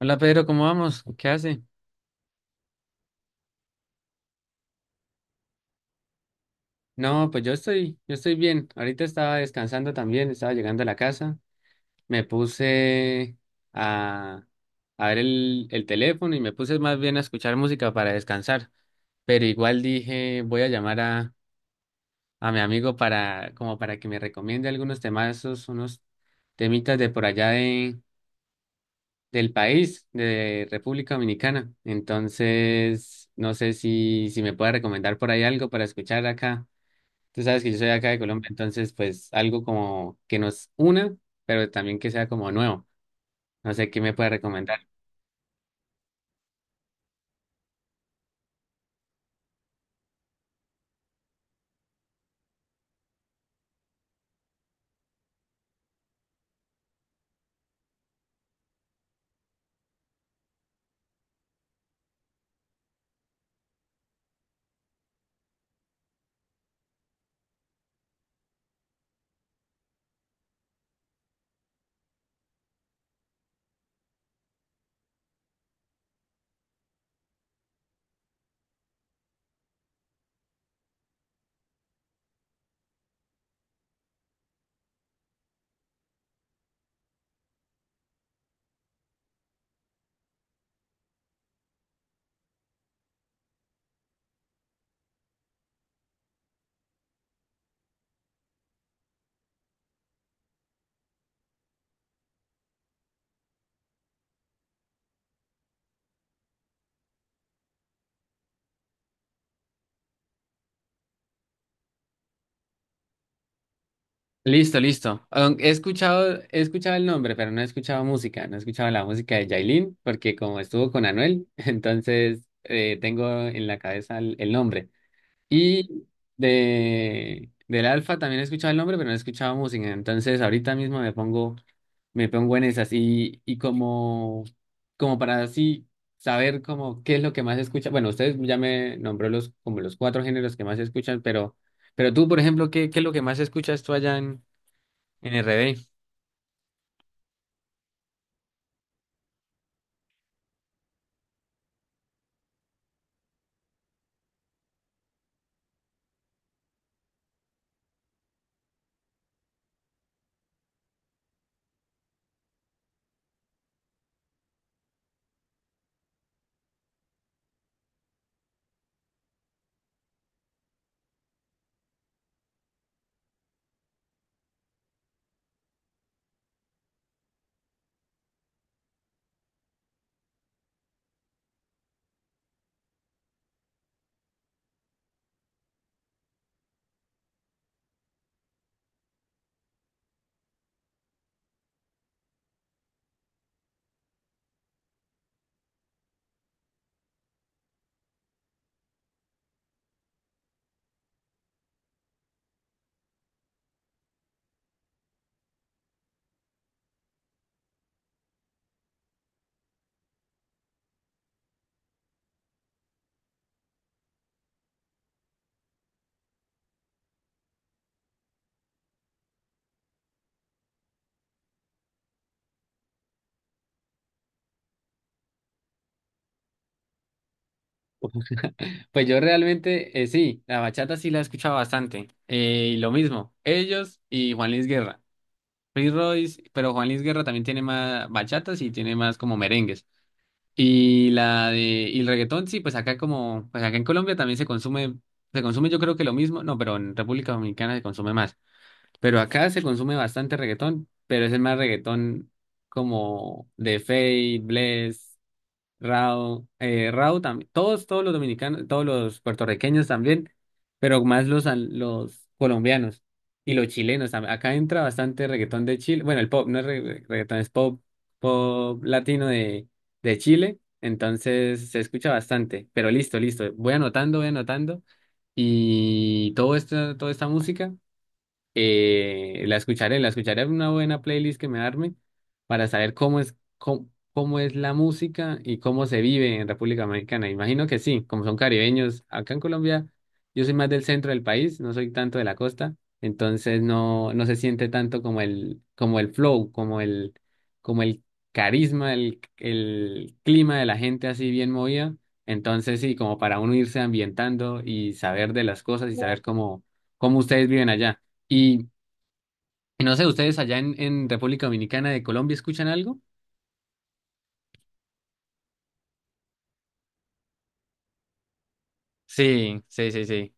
Hola Pedro, ¿cómo vamos? ¿Qué hace? No, pues yo estoy bien. Ahorita estaba descansando también, estaba llegando a la casa. Me puse a, a ver el teléfono y me puse más bien a escuchar música para descansar. Pero igual dije, voy a llamar a mi amigo para, como para que me recomiende algunos temazos, unos temitas de por allá del país, de República Dominicana. Entonces, no sé si me puede recomendar por ahí algo para escuchar acá. Tú sabes que yo soy acá de Colombia, entonces pues algo como que nos una, pero también que sea como nuevo. No sé qué me puede recomendar. Listo, listo. He escuchado el nombre, pero no he escuchado música. No he escuchado la música de Yailin, porque como estuvo con Anuel, entonces tengo en la cabeza el nombre. Y del Alfa también he escuchado el nombre, pero no he escuchado música. Entonces ahorita mismo me pongo en esas. Como para así saber como qué es lo que más escucha. Bueno, ustedes ya me nombró los, como los cuatro géneros que más escuchan, pero tú, por ejemplo, ¿qué es lo que más escuchas tú en RD? Pues yo realmente, sí, la bachata sí la he escuchado bastante. Y lo mismo, ellos y Juan Luis Guerra. Prince Royce, pero Juan Luis Guerra también tiene más bachatas y tiene más como merengues. Y la de y el reggaetón, sí, pues acá en Colombia también se consume yo creo que lo mismo, no, pero en República Dominicana se consume más. Pero acá se consume bastante reggaetón, pero es el más reggaetón como de Fate, Bless, Rao, Rao también, todos, todos los dominicanos, todos los puertorriqueños también, pero más los, los colombianos y los chilenos también. Acá entra bastante reggaetón de Chile, bueno, el pop, no es reggaetón, es pop, pop latino de Chile, entonces se escucha bastante, pero listo, listo, voy anotando y todo esto, toda esta música. La escucharé en una buena playlist que me arme para saber cómo es, cómo, cómo es la música y cómo se vive en República Dominicana. Imagino que sí, como son caribeños, acá en Colombia yo soy más del centro del país, no soy tanto de la costa, entonces no, no se siente tanto como el flow, como el carisma, el clima de la gente así bien movida. Entonces sí, como para uno irse ambientando y saber de las cosas y saber cómo, cómo ustedes viven allá. Y, y no sé, ¿ustedes allá en República Dominicana de Colombia escuchan algo? Sí, sí, sí, sí.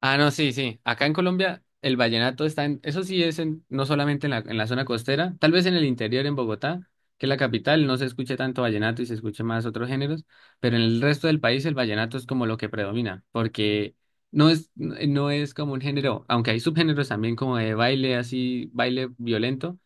Ah, no, sí, sí. Acá en Colombia el vallenato está en, eso sí es en, no solamente en la zona costera, tal vez en el interior, en Bogotá, que es la capital, no se escucha tanto vallenato y se escucha más otros géneros, pero en el resto del país el vallenato es como lo que predomina, porque no es, no es como un género, aunque hay subgéneros también como de baile así, baile violento,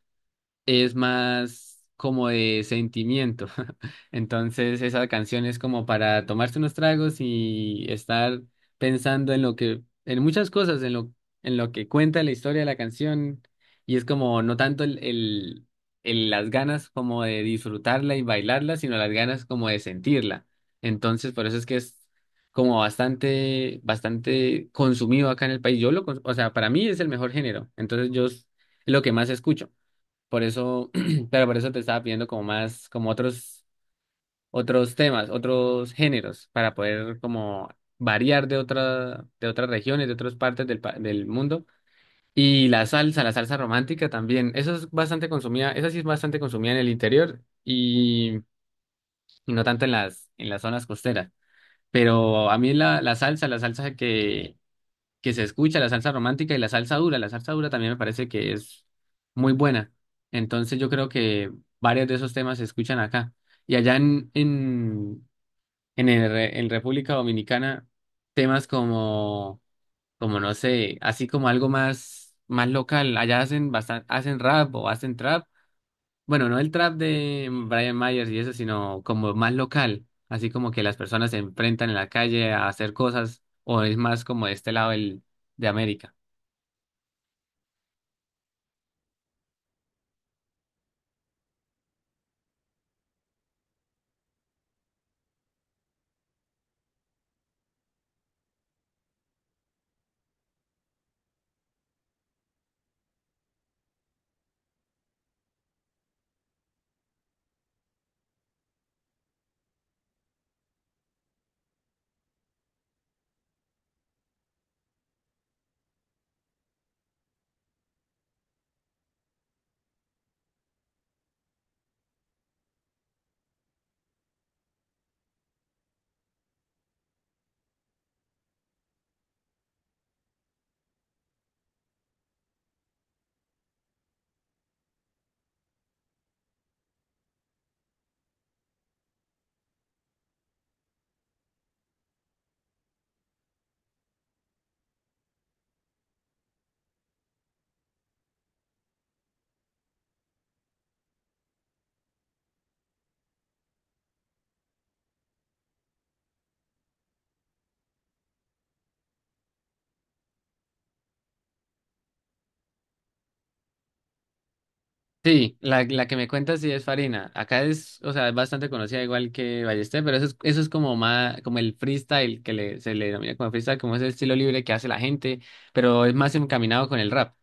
es más como de sentimiento. Entonces, esa canción es como para tomarse unos tragos y estar pensando en lo que, en muchas cosas, en lo que cuenta la historia de la canción. Y es como no tanto el, las ganas como de disfrutarla y bailarla, sino las ganas como de sentirla. Entonces, por eso es que es como bastante, bastante consumido acá en el país. Yo lo, o sea, para mí es el mejor género. Entonces, yo es lo que más escucho. Por eso, pero por eso te estaba pidiendo como más, como otros, otros temas, otros géneros, para poder como variar de otra, de otras regiones, de otras partes del mundo. Y la salsa romántica también. Eso es bastante consumida, esa sí es bastante consumida en el interior y no tanto en las zonas costeras. Pero a mí la, la salsa, que se escucha, la salsa romántica y la salsa dura. La salsa dura también me parece que es muy buena. Entonces yo creo que varios de esos temas se escuchan acá. Y allá en en República Dominicana, temas como, como no sé, así como algo más, más local. Allá hacen hacen rap o hacen trap. Bueno, no el trap de Brian Myers y eso, sino como más local. Así como que las personas se enfrentan en la calle a hacer cosas, o es más como de este lado de América. Sí, la que me cuentas sí es Farina. Acá es, o sea, es bastante conocida igual que Ballester, pero eso es como más, como el freestyle se le denomina como freestyle, como ese estilo libre que hace la gente, pero es más encaminado con el rap.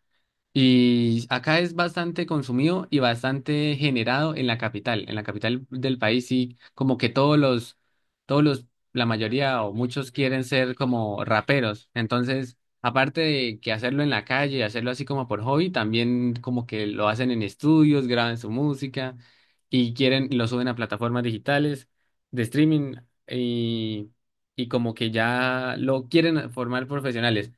Y acá es bastante consumido y bastante generado en la capital. En la capital del país sí, como que todos los, la mayoría o muchos quieren ser como raperos. Entonces, aparte de que hacerlo en la calle, hacerlo así como por hobby, también como que lo hacen en estudios, graban su música y quieren, lo suben a plataformas digitales de streaming y, y como que ya lo quieren formar profesionales,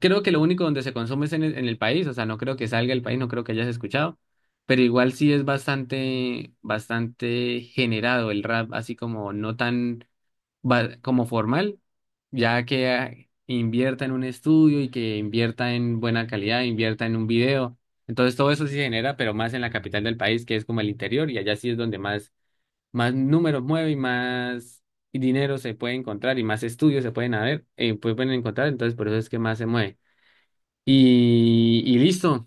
creo que lo único donde se consume es en el país, o sea, no creo que salga del país, no creo que hayas escuchado, pero igual sí es bastante, bastante generado el rap, así como no tan como formal, ya que invierta en un estudio y que invierta en buena calidad, invierta en un video. Entonces todo eso sí se genera, pero más en la capital del país, que es como el interior, y allá sí es donde más, más números mueve y más dinero se puede encontrar y más estudios se pueden haber, pueden encontrar, entonces por eso es que más se mueve. Y listo,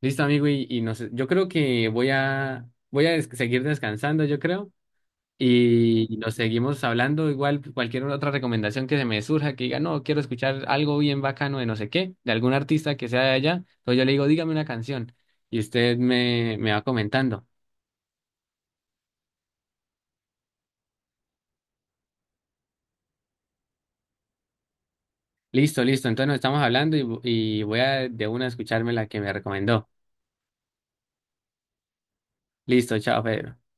listo amigo, y no sé, yo creo que voy a seguir descansando, yo creo, y nos seguimos hablando, igual cualquier otra recomendación que se me surja, que diga, no, quiero escuchar algo bien bacano de no sé qué, de algún artista que sea de allá, entonces yo le digo, dígame una canción, y usted me va comentando, listo, listo, entonces nos estamos hablando y voy a de una escucharme la que me recomendó, listo, chao Pedro.